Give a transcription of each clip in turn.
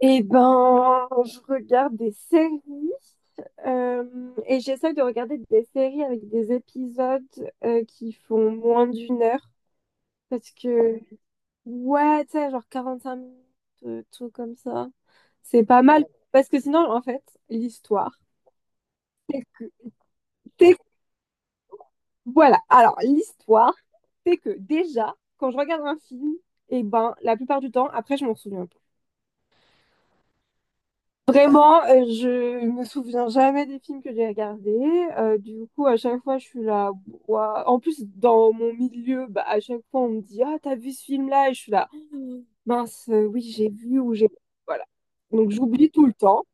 Eh ben, je regarde des séries et j'essaie de regarder des séries avec des épisodes qui font moins d'une heure parce que, ouais, tu sais, genre 45 minutes, tout comme ça. C'est pas mal parce que sinon, en fait, l'histoire, c'est. Voilà, alors l'histoire, c'est que déjà, quand je regarde un film, eh ben, la plupart du temps, après, je m'en souviens. Vraiment, je me souviens jamais des films que j'ai regardés. Du coup, à chaque fois, je suis là. Ouah. En plus, dans mon milieu, bah, à chaque fois, on me dit, ah, t'as vu ce film-là? Et je suis là, «Oh, mince, oui, j'ai vu ou j'ai. Voilà. Donc, j'oublie tout le temps.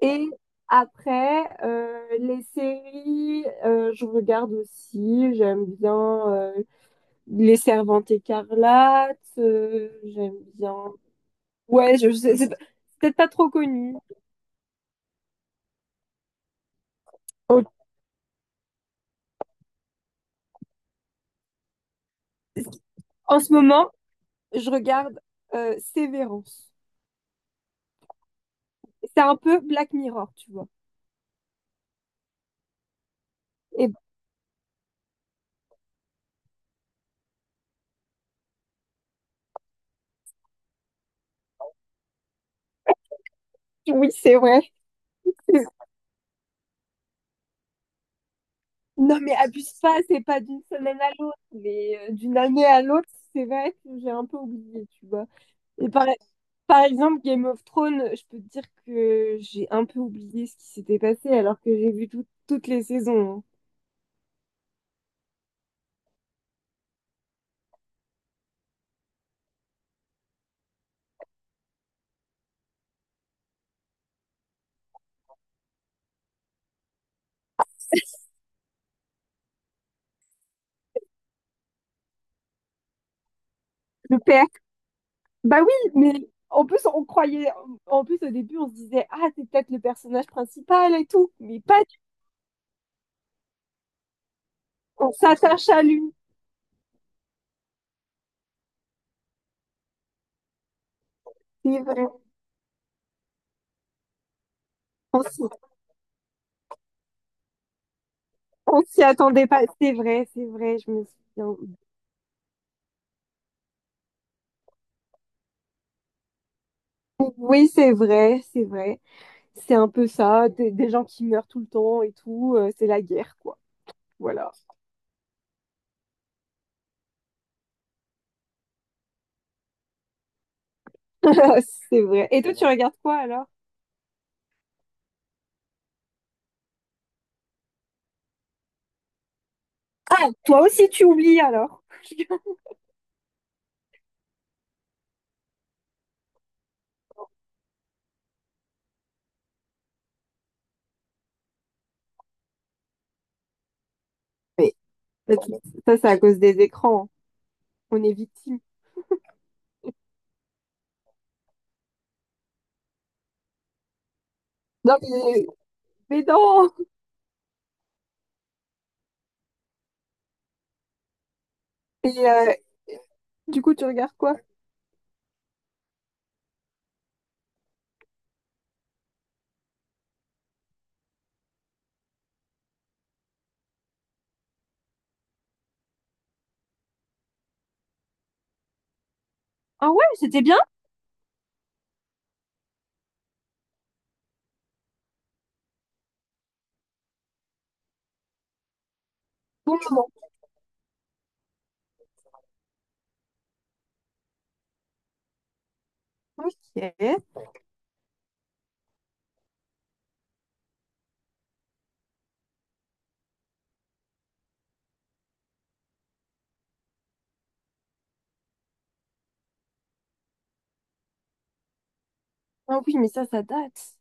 Et après, les séries, je regarde aussi. J'aime bien euh, Les Servantes écarlates. J'aime bien. Ouais, je sais, c'est peut-être pas trop connu. Ok. En ce moment, je regarde Sévérance. C'est un peu Black Mirror, tu vois. Et oui, c'est vrai. Non, mais abuse pas, c'est pas d'une semaine à l'autre, mais d'une année à l'autre, c'est vrai que j'ai un peu oublié, tu vois. Et par exemple, Game of Thrones, je peux te dire que j'ai un peu oublié ce qui s'était passé alors que j'ai vu toutes les saisons, hein. Le père. Bah oui, mais en plus, on croyait. En plus, au début, on se disait, ah, c'est peut-être le personnage principal et tout. Mais pas, on s'attache à lui. C'est vrai. On s'y, on s'y attendait pas. C'est vrai, je me souviens. Bon, oui, c'est vrai, c'est vrai. C'est un peu ça, des gens qui meurent tout le temps et tout. C'est la guerre, quoi. Voilà. C'est vrai. Et toi, tu regardes quoi alors? Toi aussi, tu oublies alors. Mais ça, c'est à cause des écrans, hein. On est victime. Non, mais non! Et du coup, tu regardes quoi? Ah ouais, c'était bien? Ok. Ah oui, mais ça date.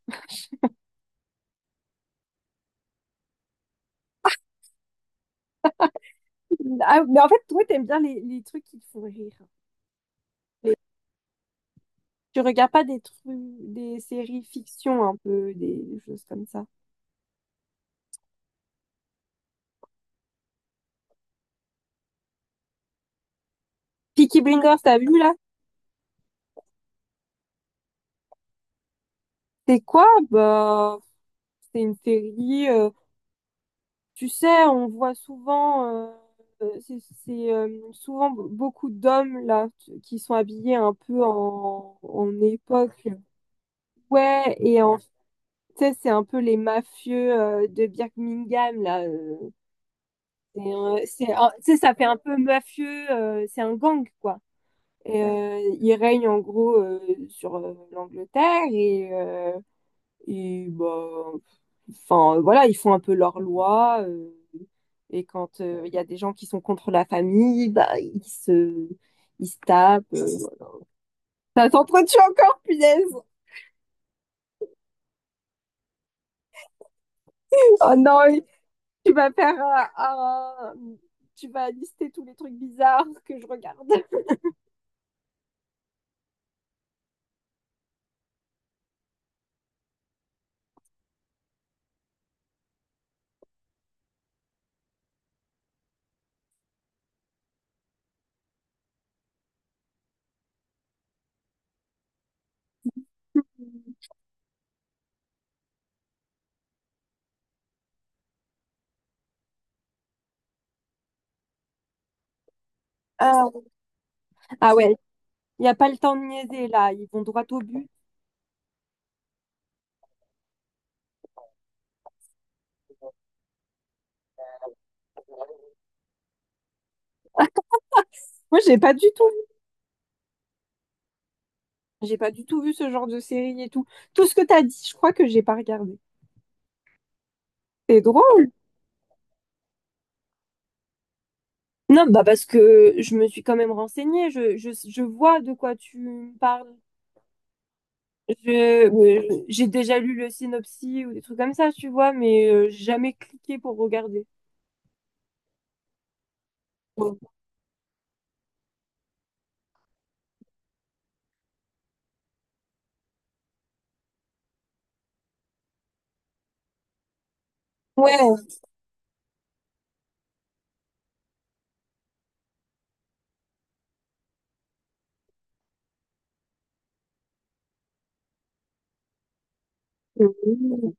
Ah, mais en fait, toi, t'aimes bien les trucs qui te font rire. Les- Tu regardes pas des trucs, des séries fiction un peu, des choses comme ça. Peaky Blinders, t'as vu là? C'est quoi? Bah, c'est une série, tu sais, on voit souvent, c'est souvent beaucoup d'hommes là qui sont habillés un peu en époque. Ouais, et en fait, c'est un peu les mafieux de Birmingham là, tu sais, ça fait un peu mafieux, c'est un gang, quoi. Et, il règne en gros sur l'Angleterre et bah, enfin voilà, ils font un peu leur loi, et quand il y a des gens qui sont contre la famille, bah, ils se tapent. Voilà. Ça s'entretue encore, punaise! Oh non, tu vas faire. Tu vas lister tous les trucs bizarres que je regarde. Ah, ah ouais, il n'y a pas le temps de niaiser là, ils vont droit au but. Moi, j'ai pas du tout vu. J'ai pas du tout vu ce genre de série et tout. Tout ce que tu as dit, je crois que j'ai pas regardé. C'est drôle. Non, bah parce que je me suis quand même renseignée. Je vois de quoi tu me parles. J'ai déjà lu le synopsis ou des trucs comme ça, tu vois, mais j'ai jamais cliqué pour regarder. Ouais.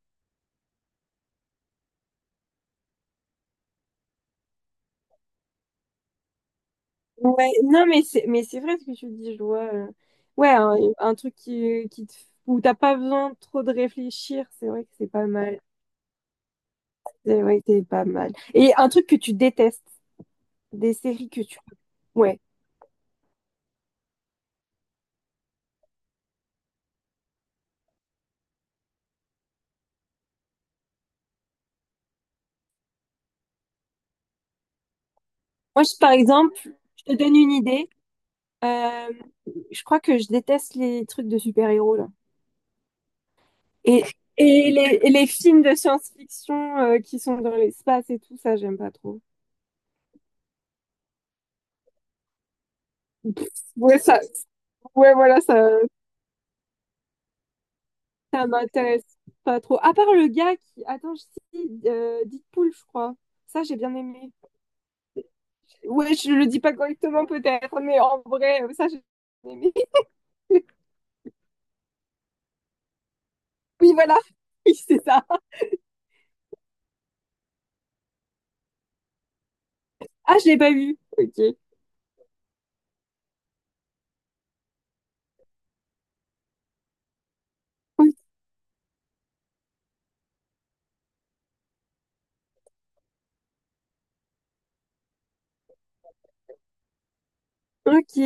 Ouais, non, mais c'est vrai ce que tu dis, je vois. Ouais, un truc où t'as pas besoin trop de réfléchir, c'est vrai que c'est pas mal. C'est vrai que c'est pas mal. Et un truc que tu détestes, des séries que tu. Ouais. Moi, je, par exemple, je te donne une idée. Euh, je crois que je déteste les trucs de super-héros là. Et, et les films de science-fiction qui sont dans l'espace et tout ça, j'aime pas trop. Pff, ouais, ça, ouais, voilà, ça m'intéresse pas trop. À part le gars qui, attends, je sais, Deadpool, je crois. Ça, j'ai bien aimé. Ouais, je le dis pas correctement peut-être, mais en vrai, ça, j'ai bien aimé. Oui, voilà. Oui, c'est ça. Ah, je l'ai pas vu. Ok. Ok.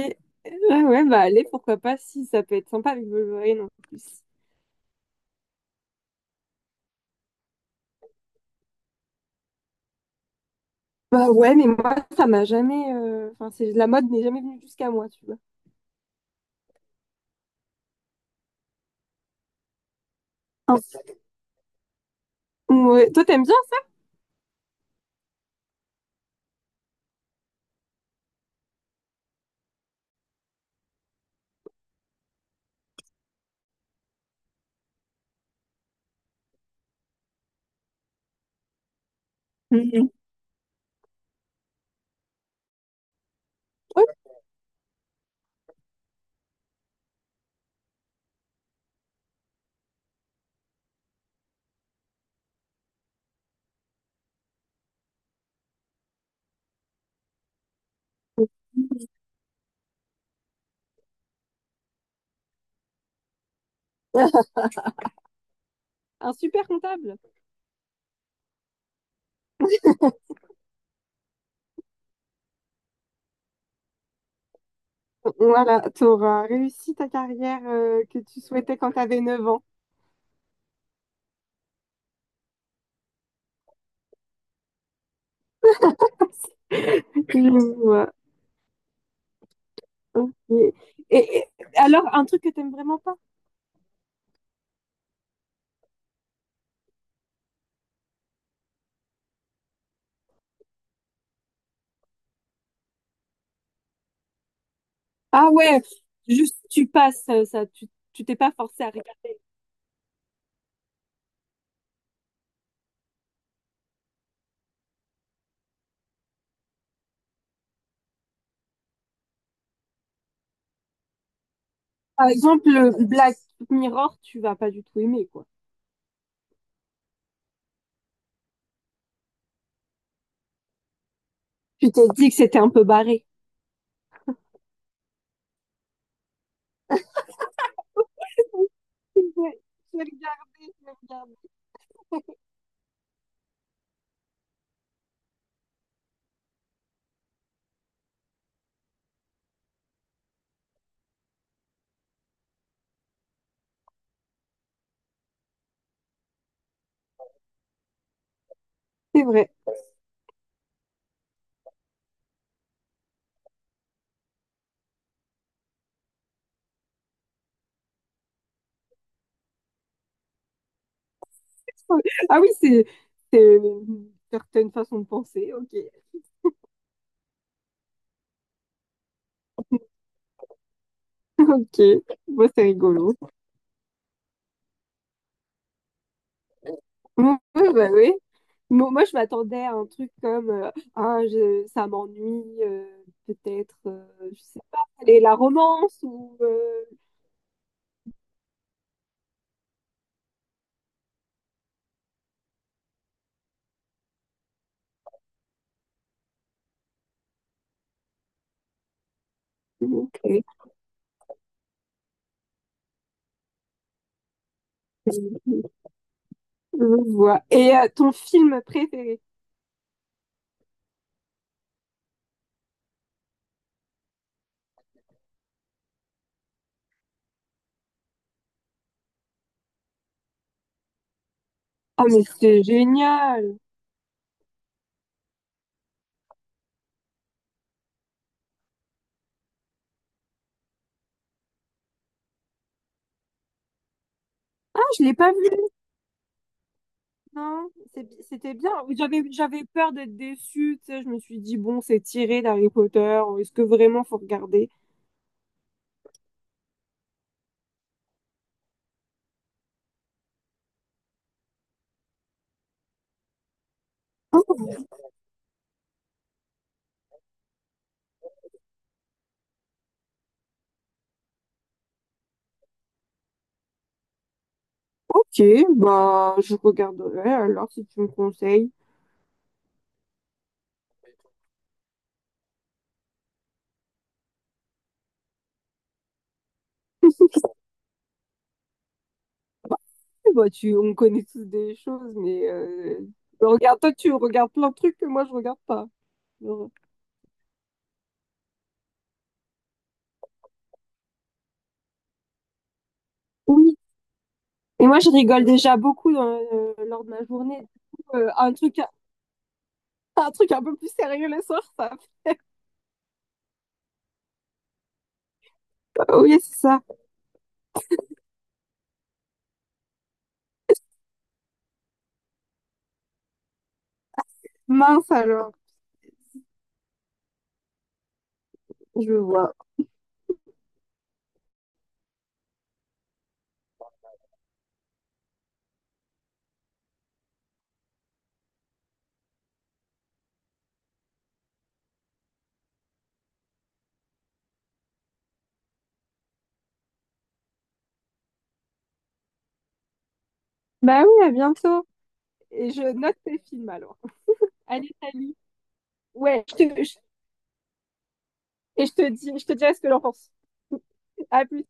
Ah ouais, bah allez, pourquoi pas si ça peut être sympa avec Wolverine en plus. Bah ouais, mais moi, ça m'a jamais, enfin, c'est la mode n'est jamais venue jusqu'à moi, tu vois. Un- Ouais. Toi, t'aimes bien? Mhm. Ouais. Un super comptable. Voilà, t'auras réussi ta carrière que tu souhaitais quand t'avais 9 ans. Je vois. Ok. Et- alors, un truc que t'aimes vraiment pas? Ah ouais, juste tu passes, ça, tu t'es pas forcé à regarder. Par exemple, le Black Mirror, tu vas pas du tout aimer, quoi. Tu t'es dit que c'était un peu barré. Je vais regarder, je vais regarder. C'est vrai. Ah oui, c'est une certaine façon de penser, ok. Ok, moi c'est rigolo. Ouais, ouais, bah oui. Moi, je m'attendais à un truc comme ah, ça m'ennuie, peut-être, je sais pas, et la romance ou. Ok. Je vois. Et ton film préféré? Ah, mais c'est génial! Ah, je l'ai pas vu, non? C'était bien. J'avais peur d'être déçue, tu sais. Je me suis dit, bon, c'est tiré d'Harry Potter. Est-ce que vraiment faut regarder? Ah, ok, bah, je regarderai alors si tu me conseilles. Bah, on connaît tous des choses, mais regarde, toi, tu regardes plein de trucs que moi, je regarde pas. Genre, oui. Et moi, je rigole déjà beaucoup lors de ma journée. Du coup, un truc un peu plus sérieux le soir, ça. Oui, c'est ça. Mince alors, je vois. Bah oui, à bientôt. Et je note tes films alors. Allez, salut. Ouais, et je te dirai ce que j'en pense. À plus.